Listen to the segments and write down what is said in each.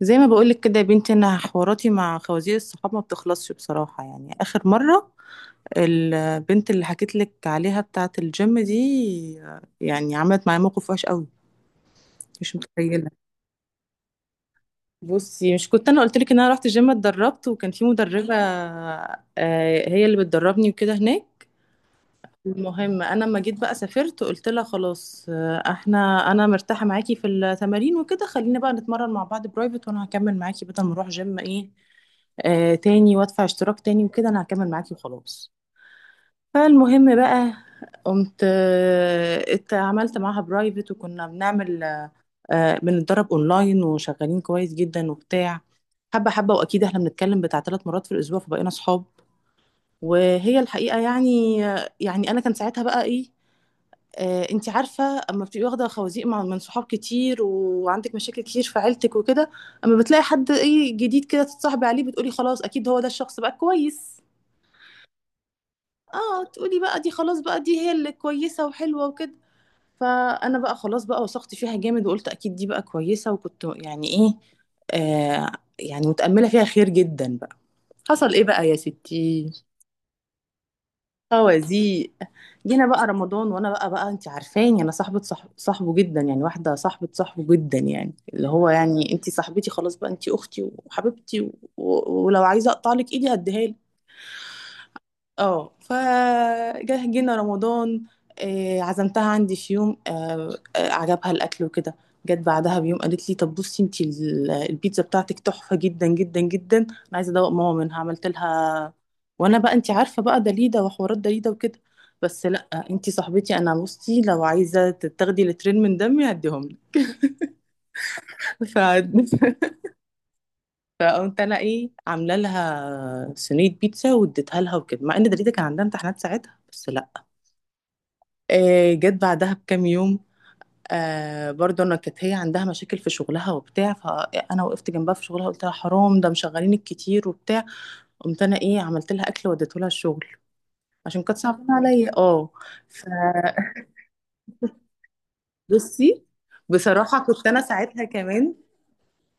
زي ما بقولك كده يا بنتي، انا حواراتي مع خوازيق الصحاب ما بتخلصش بصراحة. يعني اخر مرة البنت اللي حكيت لك عليها بتاعة الجيم دي يعني عملت معايا موقف وحش قوي، مش متخيلة. بصي، مش كنت انا قلت لك ان انا رحت الجيم اتدربت وكان في مدربة هي اللي بتدربني وكده هناك. المهم انا لما جيت بقى سافرت قلت لها خلاص احنا مرتاحة معاكي في التمارين وكده، خلينا بقى نتمرن مع بعض برايفت وانا هكمل معاكي بدل ما اروح جيم ايه تاني وادفع اشتراك تاني وكده، انا هكمل معاكي وخلاص. فالمهم بقى، قمت عملت معاها برايفت، وكنا بنعمل بنتدرب اونلاين وشغالين كويس جدا وبتاع، حبه حبه، واكيد احنا بنتكلم بتاع ثلاث مرات في الاسبوع فبقينا صحاب، وهي الحقيقه يعني. يعني انا كان ساعتها بقى ايه، انت عارفه، اما بتبقي واخده خوازيق من صحاب كتير وعندك مشاكل كتير في عيلتك وكده، اما بتلاقي حد ايه جديد كده تتصاحبي عليه بتقولي خلاص اكيد هو ده الشخص بقى كويس. اه، تقولي بقى دي خلاص بقى دي هي اللي كويسة وحلوة وكده. فأنا بقى خلاص بقى وثقت فيها جامد وقلت أكيد دي بقى كويسة، وكنت يعني إيه، آه يعني متأملة فيها خير جدا بقى. حصل إيه بقى يا ستي؟ خوازيق. جينا بقى رمضان، وأنا بقى أنت عارفاني أنا صاحبة صاحبه جدا يعني، واحدة صاحبة صاحبه جدا يعني، اللي هو يعني أنت صاحبتي خلاص بقى أنت أختي وحبيبتي ولو عايزة أقطع لك إيدي هديها. اه، فجه جينا رمضان، عزمتها عندي في يوم، عجبها الاكل وكده. جت بعدها بيوم قالت لي طب بصي انتي البيتزا بتاعتك تحفه جدا جدا جدا، انا عايزه ادوق ماما منها، عملت لها. وانا بقى انتي عارفه بقى دليده وحوارات دليده وكده، بس لا، انتي صاحبتي، انا بصي لو عايزه تاخدي لترين من دمي هديهم لك. ف... فقمت انا ايه عامله لها صينيه بيتزا واديتها لها وكده، مع ان دليده كان عندها امتحانات ساعتها، بس لا. جت بعدها بكام يوم، برضه انا كانت هي عندها مشاكل في شغلها وبتاع، فانا وقفت جنبها في شغلها قلت لها حرام ده مشغلينك كتير وبتاع، قمت انا ايه عملت لها اكل وديته لها الشغل عشان كانت صعبانه عليا. اه، فبصي بصراحه كنت انا ساعتها كمان،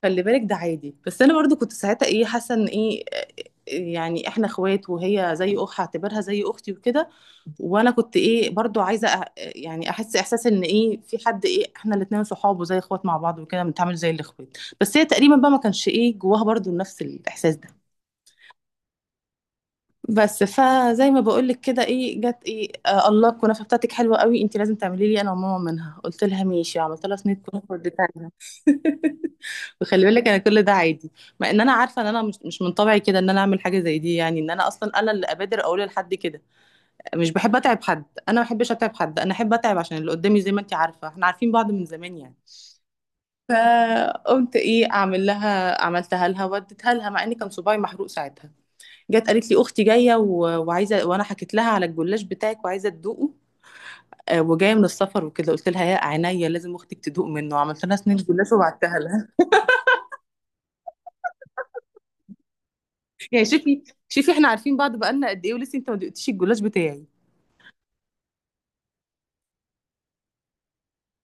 خلي بالك ده عادي، بس انا برضو كنت ساعتها ايه حاسه ان ايه يعني احنا اخوات، وهي زي اخت هعتبرها زي اختي وكده، وانا كنت ايه برضو عايزه يعني احس احساس ان ايه في حد ايه احنا الاتنين صحاب وزي اخوات مع بعض وكده بنتعامل زي الاخوات، بس هي تقريبا بقى ما كانش ايه جواها برضو نفس الاحساس ده. بس فزي ما بقول لك كده ايه، جت ايه الله الكنافه بتاعتك حلوه قوي، انت لازم تعملي لي انا وماما منها. قلت لها ماشي، عملت لها صينيه كنافه واديتها لها. وخلي بالك انا كل ده عادي، مع ان انا عارفه ان انا مش من طبعي كده ان انا اعمل حاجه زي دي، يعني ان انا اصلا انا اللي ابادر اقول لحد كده. مش بحب اتعب حد، انا ما بحبش اتعب حد، انا احب اتعب عشان اللي قدامي، زي ما انت عارفه احنا عارفين بعض من زمان يعني. فقمت ايه اعمل لها، عملتها لها وديتها لها، مع ان كان صباعي محروق ساعتها. جت قالت لي اختي جايه وعايزه، وانا حكيت لها على الجلاش بتاعك وعايزه تدوقه وجايه من السفر وكده. قلت لها يا عينيا لازم اختك تدوق منه، عملت لها سنين جلاش وبعتها. يعني شوفي، شوفي احنا عارفين بعض بقالنا قد ايه، ولسه انت ما دقتيش الجلاش بتاعي.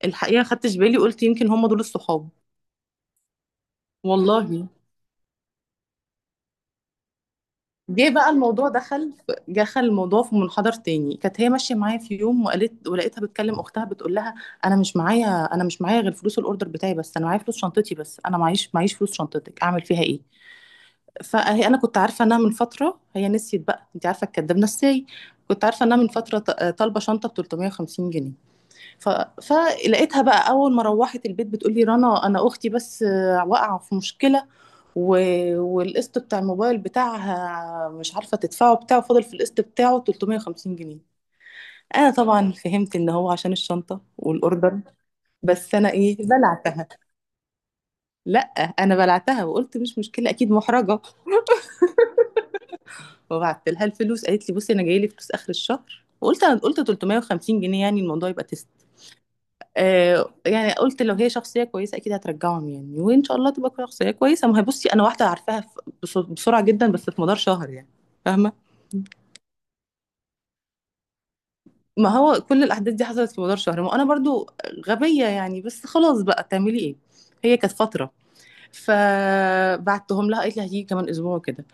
الحقيقه خدتش بالي، قلت يمكن هم دول الصحاب، والله. جه بقى الموضوع دخل دخل الموضوع في منحدر تاني، كانت هي ماشيه معايا في يوم وقالت، ولقيتها بتكلم اختها بتقول لها انا مش معايا، انا مش معايا غير فلوس الاوردر بتاعي بس، انا معايا فلوس شنطتي بس، انا معيش فلوس شنطتك اعمل فيها ايه. فهي انا كنت عارفه انها من فتره، هي نسيت بقى انت عارفه الكداب نساي، كنت عارفه انها من فتره طالبه شنطه ب 350 جنيه. ف... فلقيتها بقى اول ما روحت البيت بتقول لي رنا انا اختي بس واقعه في مشكله، و... والقسط بتاع الموبايل بتاعها مش عارفه تدفعه، بتاعه فاضل في القسط بتاعه 350 جنيه. انا طبعا فهمت ان هو عشان الشنطه والاوردر، بس انا ايه بلعتها. لا، انا بلعتها وقلت مش مشكله اكيد محرجه، وبعت لها الفلوس. قالت لي بصي انا جاي لي فلوس اخر الشهر، وقلت انا قلت 350 جنيه يعني الموضوع يبقى يعني، قلت لو هي شخصيه كويسه اكيد هترجعهم يعني، وان شاء الله تبقى شخصيه كويسه. ما هي بصي انا واحده عارفاها بسرعه جدا، بس في مدار شهر يعني، فاهمه. ما هو كل الاحداث دي حصلت في مدار شهر، ما انا برضو غبيه يعني، بس خلاص بقى، تعملي ايه، هي كانت فتره. فبعتهم لها، قالت لي هتيجي كمان اسبوع كده،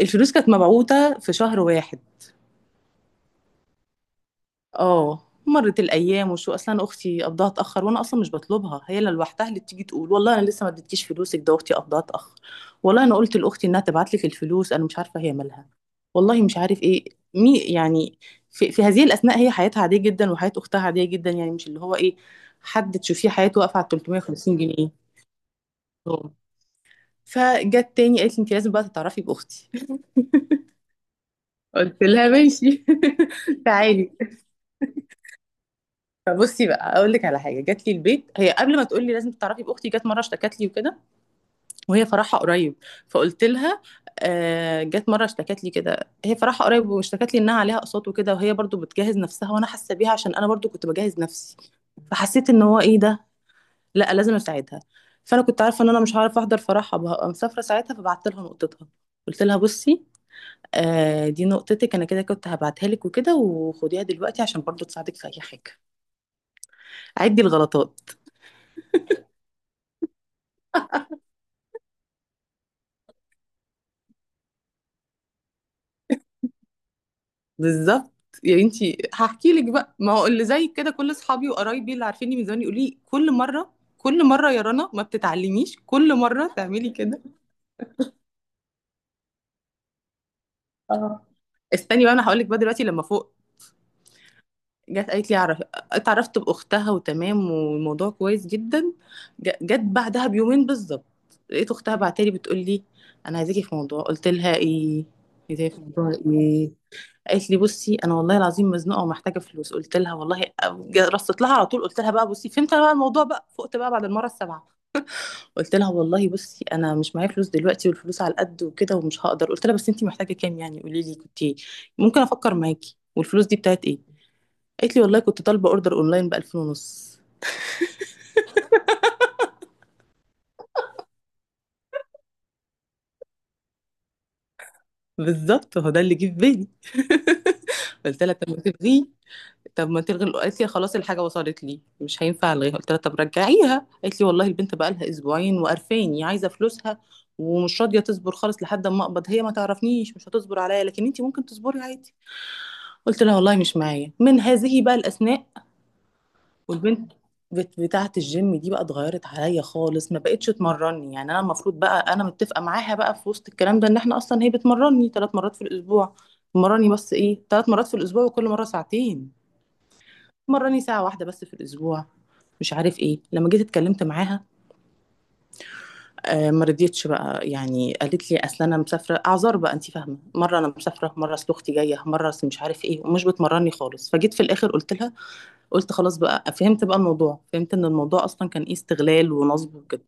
الفلوس كانت مبعوته في شهر واحد. اه مرت الايام، وشو اصلا اختي قبضها اتاخر، وانا اصلا مش بطلبها، هي اللي لوحدها اللي بتيجي تقول والله انا لسه ما اديتكيش فلوسك ده، اختي قبضها اتاخر، والله انا قلت لاختي انها تبعت لك الفلوس انا مش عارفه هي مالها، والله مش عارف ايه، مي يعني. في هذه الاثناء هي حياتها عاديه جدا وحياه اختها عاديه جدا، يعني مش اللي هو ايه حد تشوفيه حياته واقفه على 350 جنيه. أوه. فجت تاني قالت لي انت لازم بقى تتعرفي باختي. قلت لها ماشي. تعالي. فبصي بقى اقول لك على حاجه، جات لي البيت هي قبل ما تقول لي لازم تعرفي باختي، جت مره اشتكت لي وكده، وهي فرحها قريب، فقلت لها جت مره اشتكت لي كده هي فرحها قريب، واشتكت لي انها عليها اقساط وكده، وهي برضو بتجهز نفسها، وانا حاسه بيها عشان انا برضو كنت بجهز نفسي. فحسيت ان هو ايه ده، لا لازم اساعدها. فانا كنت عارفه ان انا مش هعرف احضر فرحها بقى مسافره ساعتها، فبعت لها نقطتها. قلت لها بصي دي نقطتك، انا كده كنت هبعتها لك وكده، وخديها دلوقتي عشان برضو تساعدك في اي حاجه. عدي الغلطات. بالظبط يعني. انت، هحكي لك بقى، ما هو اللي زي كده كل اصحابي وقرايبي اللي عارفيني من زمان يقولوا لي كل مره، كل مره يا رنا ما بتتعلميش، كل مره تعملي كده. اه، استني بقى انا هقول لك بقى دلوقتي لما فوق. جت قالت لي اعرف، اتعرفت باختها وتمام والموضوع كويس جدا. جت بعدها بيومين بالظبط، لقيت اختها بعتلي بتقول لي انا عايزاكي في موضوع. قلت لها ايه؟ عايزاكي في موضوع ايه؟ قالت لي بصي انا والله العظيم مزنوقه ومحتاجه فلوس. قلت لها والله رصت لها على طول قلت لها بقى، بصي فهمت أنا بقى الموضوع بقى، فقت بقى بعد المره السابعه. قلت لها والله بصي انا مش معايا فلوس دلوقتي، والفلوس على قد وكده ومش هقدر، قلت لها بس انت محتاجه كام يعني قولي لي، كنت إيه؟ ممكن افكر معاكي، والفلوس دي بتاعت ايه؟ قالت لي والله كنت طالبه اوردر اونلاين ب 2000 ونص. بالظبط هو ده اللي جه في بالي. قلت لها طب ما تلغيه، طب ما تلغي قالت لي خلاص الحاجه وصلت لي مش هينفع الغيها. قلت لها طب رجعيها، قالت لي والله البنت بقى لها اسبوعين وقرفاني عايزه فلوسها، ومش راضيه تصبر خالص لحد ما اقبض. هي ما تعرفنيش مش هتصبر عليا، لكن انت ممكن تصبري عادي. قلت لها والله مش معايا. من هذه بقى الاسماء. والبنت بتاعه الجيم دي بقى اتغيرت عليا خالص، ما بقتش تمرني، يعني انا المفروض بقى انا متفقه معاها بقى في وسط الكلام ده ان احنا اصلا هي بتمرني ثلاث مرات في الاسبوع، مرني بس ايه ثلاث مرات في الاسبوع وكل مره ساعتين، مرني ساعة واحدة بس في الأسبوع، مش عارف ايه. لما جيت اتكلمت معاها ما رضيتش بقى يعني، قالت لي اصل انا مسافره، اعذار بقى انت فاهمه، مره انا مسافره، مره اصل اختي جايه، مره اصل مش عارف ايه، ومش بتمرني خالص. فجيت في الاخر قلت لها، قلت خلاص بقى فهمت بقى الموضوع، فهمت ان الموضوع اصلا كان ايه استغلال ونصب وكده.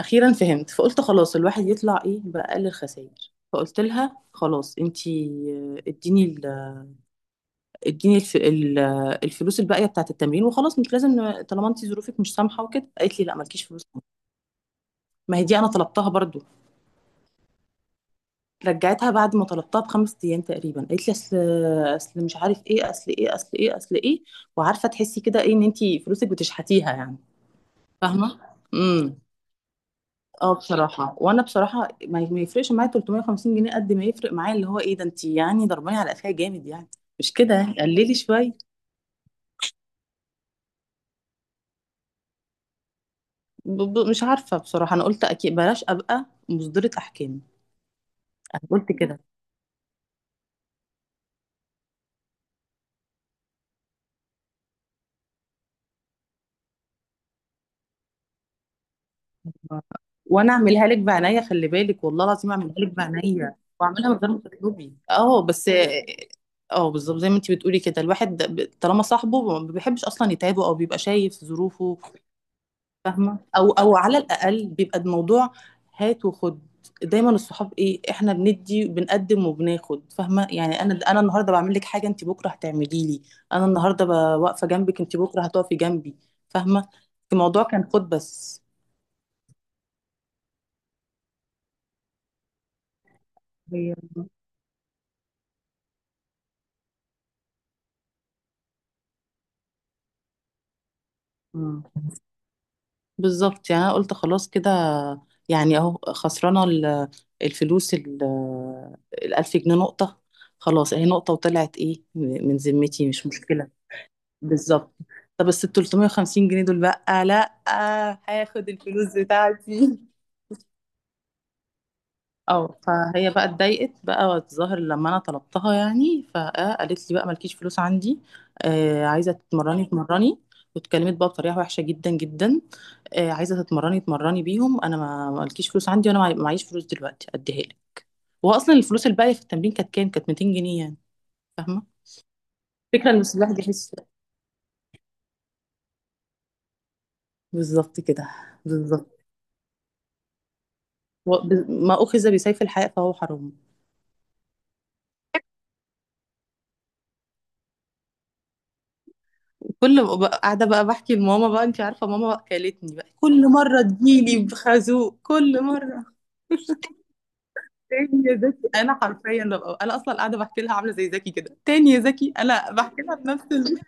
اخيرا فهمت، فقلت خلاص الواحد يطلع ايه باقل الخسائر. فقلت لها خلاص انت اديني، اديني الف... ال- الفلوس الباقيه بتاعت التمرين وخلاص، مش لازم طالما انت ظروفك مش سامحه وكده. قالت لي لا مالكيش فلوس. ما هي دي انا طلبتها برضو. رجعتها بعد ما طلبتها بخمس ايام تقريبا، قالت لي اصل، اصل مش عارف ايه، اصل ايه، اصل ايه، اصل ايه. وعارفه تحسي كده ايه ان انت فلوسك بتشحتيها يعني، فاهمه. امم، اه بصراحه، وانا بصراحه ما يفرقش معايا 350 جنيه، قد ما يفرق معايا اللي هو ايه ده، انت يعني ضرباني على قفايا جامد يعني، مش كده يعني، قللي شويه. مش عارفة بصراحة، أنا قلت أكيد بلاش أبقى مصدرة أحكام، أنا قلت كده. وأنا أعملها لك بعناية خلي بالك، والله العظيم أعملها لك بعناية وأعملها من غير ما تطلبي، أه بس. أه بالظبط زي ما أنت بتقولي كده، الواحد طالما صاحبه ما بيحبش أصلا يتعبه أو بيبقى شايف ظروفه، فاهمه، او على الاقل بيبقى الموضوع هات وخد. دايما الصحاب ايه احنا بندي، بنقدم وبناخد فاهمه يعني، انا النهارده بعمل لك حاجه انت بكره هتعملي لي، انا النهارده واقفه جنبك انت بكره هتقفي جنبي، فاهمه. الموضوع كان خد بس. هي، مم، بالظبط يعني. انا قلت خلاص كده يعني اهو خسرانه الفلوس الألف جنيه، نقطه، خلاص اهي نقطه وطلعت ايه من ذمتي، مش مشكله. بالظبط، طب بس ال 350 جنيه دول بقى لا، هاخد الفلوس بتاعتي. اه، فهي بقى اتضايقت بقى، والظاهر لما انا طلبتها يعني، فقالت لي بقى مالكيش فلوس عندي، آه عايزه تتمرني تمرني. واتكلمت بقى بطريقه وحشه جدا جدا، آه عايزه تتمرني تمرني بيهم، انا ما مالكيش فلوس عندي، وانا معيش فلوس دلوقتي اديها لك. هو اصلا الفلوس الباقيه في التمرين كانت كام، كانت 200 جنيه يعني، فاهمه. الفكره ان الواحد يحس، بالظبط كده. بالظبط، ما أخذ بسيف الحياء فهو حرام. كل ما بقى- قاعدة بقى بحكي لماما، بقى أنت عارفة ماما بقى كلتني بقى، كل مرة تجيلي بخازوق كل مرة. تاني يا زكي، أنا حرفيا ببقى، أنا أصلا قاعدة بحكي لها عاملة زي زكي كده، تاني يا زكي، أنا بحكي لها بنفس ال...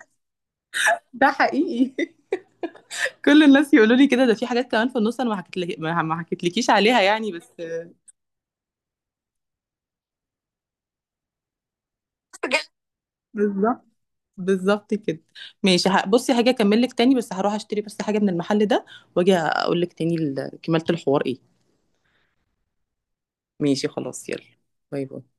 ده حقيقي. كل الناس يقولوا لي كده، ده في حاجات كمان في النص أنا ما حكيت لك، ما حكيتلكيش عليها يعني بس. بالظبط، بالظبط كده. ماشي، بصي هاجي اكمل لك تاني، بس هروح اشتري بس حاجة من المحل ده، واجي اقول لك تاني كمالة الحوار ايه. ماشي خلاص، يلا، باي باي.